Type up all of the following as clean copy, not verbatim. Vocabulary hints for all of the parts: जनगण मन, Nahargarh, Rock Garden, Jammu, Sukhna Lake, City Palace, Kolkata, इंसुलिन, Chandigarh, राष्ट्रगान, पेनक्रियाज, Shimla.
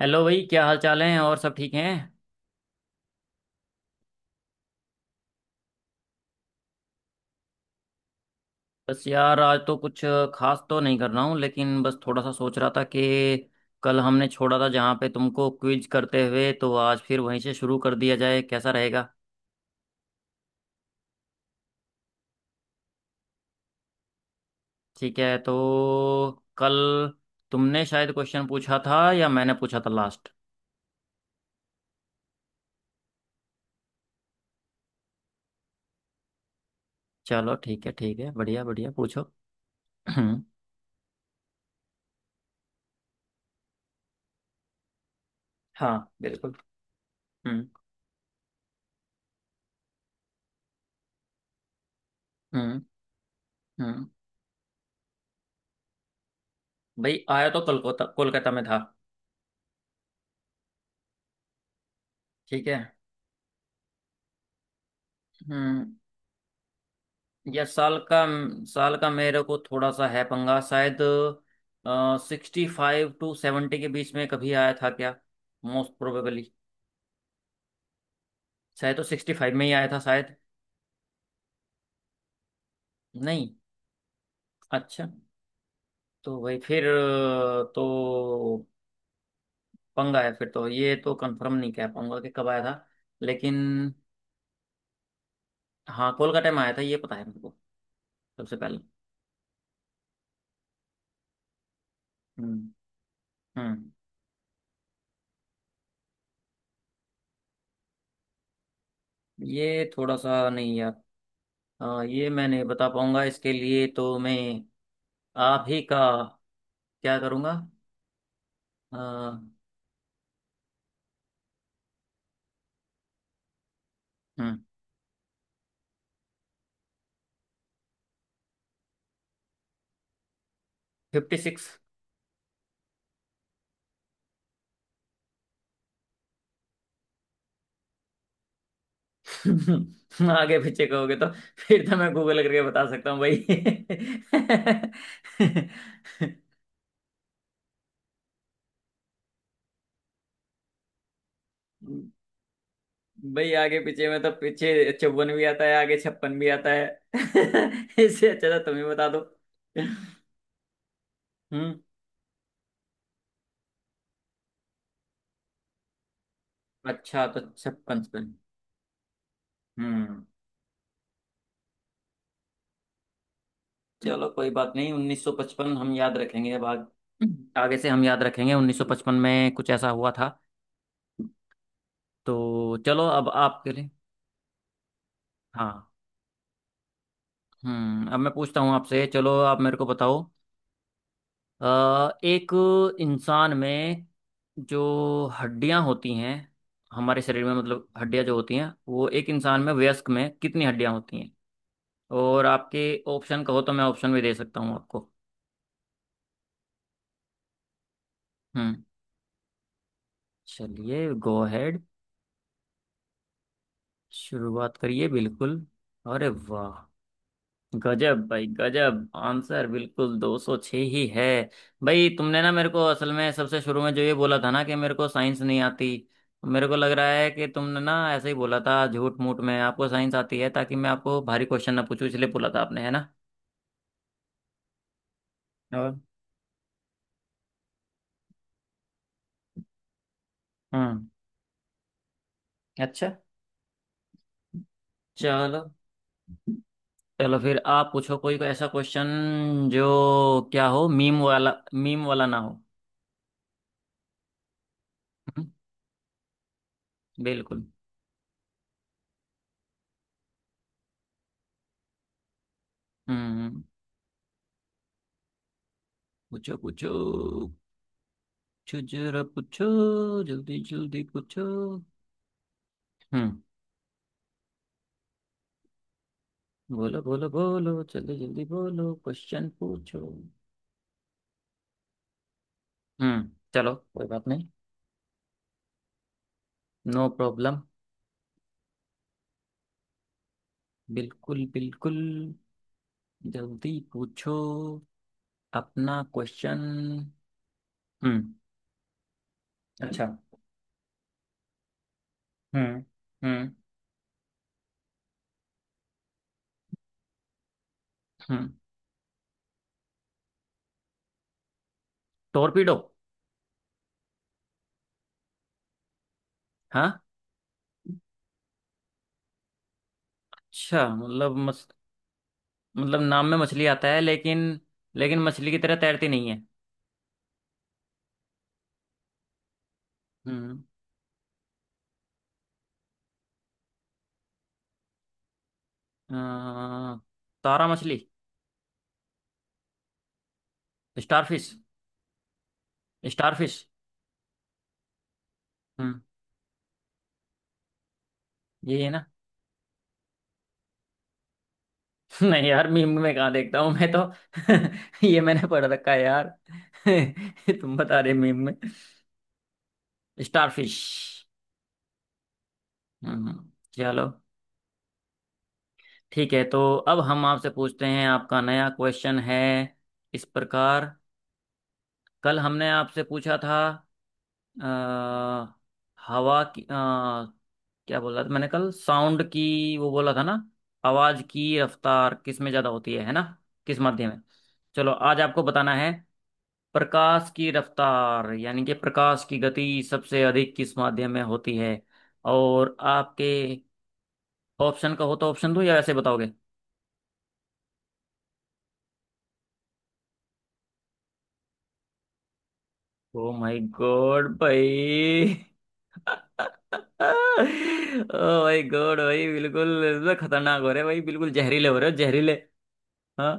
Hello भाई, क्या हाल चाल है और सब ठीक हैं? बस यार, आज तो कुछ खास तो नहीं कर रहा हूँ, लेकिन बस थोड़ा सा सोच रहा था कि कल हमने छोड़ा था जहाँ पे तुमको क्विज करते हुए, तो आज फिर वहीं से शुरू कर दिया जाए, कैसा रहेगा? ठीक है। तो कल तुमने शायद क्वेश्चन पूछा था, या मैंने पूछा था लास्ट। चलो ठीक है, ठीक है। बढ़िया बढ़िया, पूछो। हम्म। हाँ बिल्कुल। हम्म। हम्म। हम्म। भाई आया तो कल, कोलकाता, कोलकाता में था। ठीक है। हम्म। या साल का? साल का मेरे को थोड़ा सा है पंगा, शायद। सिक्सटी फाइव टू सेवेंटी के बीच में कभी आया था क्या? Most probably. शायद तो सिक्सटी फाइव में ही आया था, शायद। नहीं। अच्छा। तो भाई फिर तो पंगा है फिर। तो ये तो कंफर्म नहीं कह पाऊंगा कि कब आया था। लेकिन हाँ, कोलकाता में आया था, ये पता है मेरे को सबसे पहले। हम्म। हम्म। ये थोड़ा सा नहीं यार। ये मैं नहीं बता पाऊंगा। इसके लिए तो मैं आप ही का क्या करूँगा? हम्म। Fifty six. आगे पीछे कहोगे तो फिर तो मैं गूगल करके बता सकता हूँ भाई। भाई, आगे पीछे में तो पीछे चौवन भी आता है, आगे छप्पन भी आता है। इससे अच्छा था तुम ही बता दो। हम्म। अच्छा, तो छप्पन छप्पन। हम्म। चलो कोई बात नहीं, 1955 हम याद रखेंगे। अब आगे से हम याद रखेंगे 1955 में कुछ ऐसा हुआ था। तो चलो, अब आपके लिए। हाँ। हम्म, अब मैं पूछता हूँ आपसे। चलो आप मेरे को बताओ। एक इंसान में जो हड्डियां होती हैं हमारे शरीर में, मतलब हड्डियां जो होती हैं वो एक इंसान में, वयस्क में कितनी हड्डियां होती हैं? और आपके ऑप्शन कहो तो मैं ऑप्शन भी दे सकता हूँ आपको। हम्म। चलिए, गो अहेड। शुरुआत करिए बिल्कुल। अरे वाह! गजब भाई, गजब आंसर, बिल्कुल 206 ही है। भाई तुमने ना मेरे को असल में सबसे शुरू में जो ये बोला था ना कि मेरे को साइंस नहीं आती, तो मेरे को लग रहा है कि तुमने ना ऐसे ही बोला था झूठ मूठ में, आपको साइंस आती है, ताकि मैं आपको भारी क्वेश्चन ना पूछूं इसलिए बोला था आपने, है ना? और हम्म। अच्छा। चलो। चलो फिर आप पूछो कोई ऐसा क्वेश्चन, जो क्या हो, मीम वाला, मीम वाला ना हो। हम्म, बिल्कुल। हम्म। पूछो पूछो। पूछो जरा पूछो। जल्दी जल्दी पूछो। हम्म। बोलो बोलो बोलो, जल्दी जल्दी बोलो, क्वेश्चन पूछो। हम्म, चलो कोई बात नहीं। No problem. बिल्कुल बिल्कुल। जल्दी पूछो अपना क्वेश्चन। हम्म। अच्छा। हम्म। हम्म। हम्म। टोरपीडो। हाँ। अच्छा मतलब मछ मतलब नाम में मछली आता है लेकिन, लेकिन मछली की तरह तैरती नहीं है। हम्म। अ, तारा मछली। स्टारफिश। स्टारफिश। हम्म। यही है ना? नहीं यार, मीम में कहाँ देखता हूँ मैं तो। ये मैंने पढ़ रखा है यार। तुम बता रहे मीम में। स्टारफिश। हम्म। चलो ठीक है। तो अब हम आपसे पूछते हैं, आपका नया क्वेश्चन है इस प्रकार। कल हमने आपसे पूछा था अ, हवा की, क्या बोला था मैंने कल, साउंड की, वो बोला था ना, आवाज की रफ्तार किस में ज्यादा होती है ना? किस माध्यम में? चलो आज आपको बताना है। प्रकाश की रफ्तार, यानी कि प्रकाश की गति सबसे अधिक किस माध्यम में होती है? और आपके ऑप्शन का हो तो ऑप्शन दूं, या ऐसे बताओगे? ओ माय गॉड भाई! ओ माय गॉड भाई, बिल्कुल इसमें खतरनाक हो रहे भाई, बिल्कुल जहरीले हो रहे हो, जहरीले। हाँ।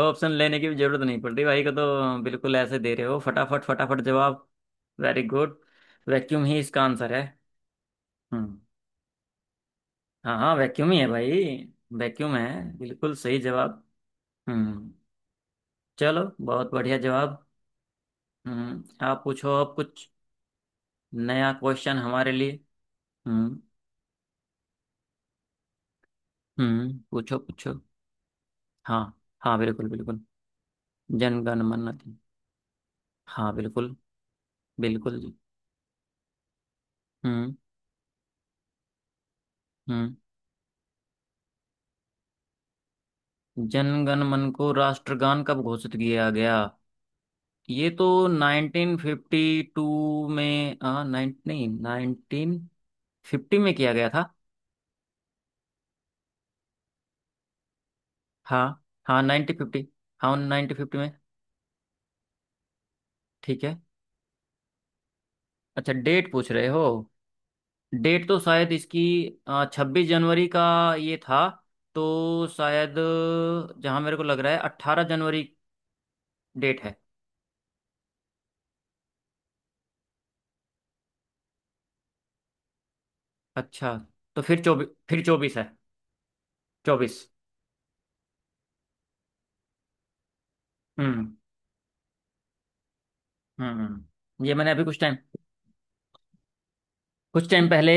ऑप्शन लेने की भी जरूरत नहीं पड़ रही भाई को तो, बिल्कुल ऐसे दे रहे हो फटाफट फटाफट जवाब। Very good. वैक्यूम ही इसका आंसर है। हम्म। हाँ हाँ, वैक्यूम ही है भाई। वैक्यूम है, बिल्कुल सही जवाब। हम्म। चलो बहुत बढ़िया जवाब। हम्म, आप पूछो अब कुछ नया क्वेश्चन हमारे लिए। हम्म। हम्म। पूछो पूछो। हाँ हाँ बिल्कुल बिल्कुल। जनगण मन अधि- हाँ बिल्कुल। बिल्कुल जी। हम्म। हम्म। जनगण मन को राष्ट्रगान कब घोषित किया गया? ये तो 1952 में 19 नहीं 1950 में किया गया था। हाँ हाँ, 1950। हाँ 1950 में। ठीक है। अच्छा डेट पूछ रहे हो? डेट तो शायद इसकी छब्बीस जनवरी का ये था, तो शायद जहां मेरे को लग रहा है अट्ठारह जनवरी डेट है। अच्छा, तो फिर चौबीस, फिर चौबीस है, चौबीस। हम्म। हम्म, ये मैंने अभी कुछ टाइम, कुछ टाइम पहले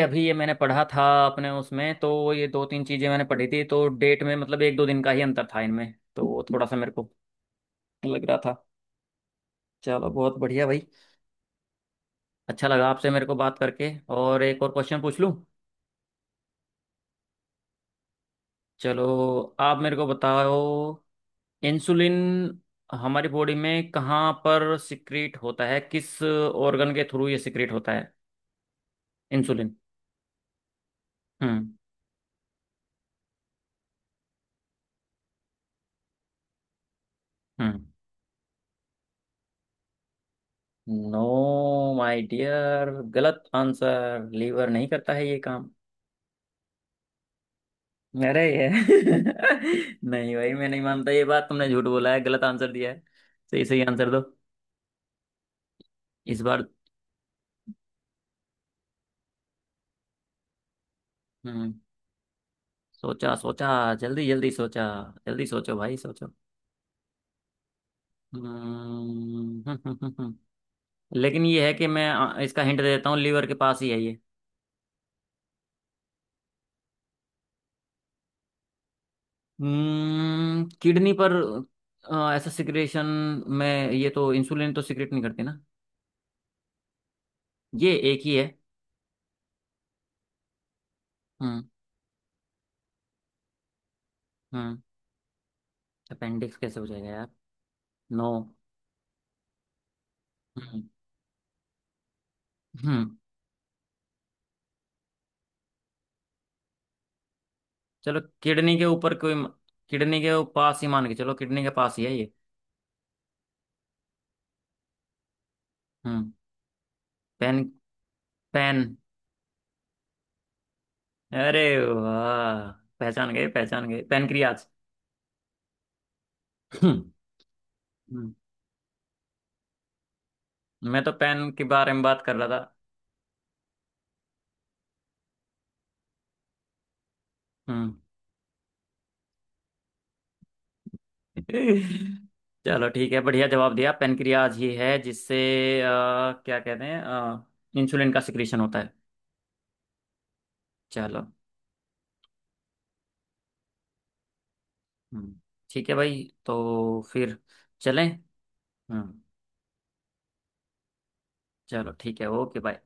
अभी ये मैंने पढ़ा था अपने उसमें तो, ये दो तीन चीजें मैंने पढ़ी थी तो डेट में मतलब एक दो दिन का ही अंतर था इनमें, तो वो थोड़ा सा मेरे को लग रहा था। चलो बहुत बढ़िया भाई। अच्छा लगा आपसे मेरे को बात करके। और एक और क्वेश्चन पूछ लूं। चलो, आप मेरे को बताओ। इंसुलिन हमारी बॉडी में कहाँ पर सिक्रीट होता है, किस ऑर्गन के थ्रू ये सिक्रीट होता है, इंसुलिन? हम्म। हम्म। नो माय डियर, गलत आंसर। लीवर नहीं करता है ये काम। अरे ये नहीं भाई, मैं नहीं मानता ये बात। तुमने झूठ बोला है, गलत आंसर दिया है। सही सही आंसर दो इस बार। हम्म। सोचा सोचा। जल्दी जल्दी सोचा। जल्दी सोचो भाई, सोचो। हम्म। हम्म। लेकिन ये है कि मैं इसका हिंट दे देता हूँ, लीवर के पास ही है ये। हम्म, किडनी पर ऐसा सिक्रेशन में ये तो, इंसुलिन तो सिक्रेट नहीं करती ना? ये एक ही है। हम्म। हम्म। अपेंडिक्स कैसे हो जाएगा यार? नो। हम्म। हम्म। चलो किडनी के ऊपर कोई, किडनी के पास ही मान के चलो, किडनी के पास ही है ये। हम्म। पेन। पेन। अरे वाह, पहचान गए पहचान गए, पेनक्रियाज। हम्म। मैं तो पेन के बारे में बात कर रहा था। हम्म। चलो ठीक है, बढ़िया जवाब दिया। पेनक्रियाज ही है जिससे अ, क्या कहते हैं, इंसुलिन का सिक्रीशन होता है। चलो। हम्म, ठीक है भाई। तो फिर चलें। हम्म। चलो ठीक है, ओके बाय।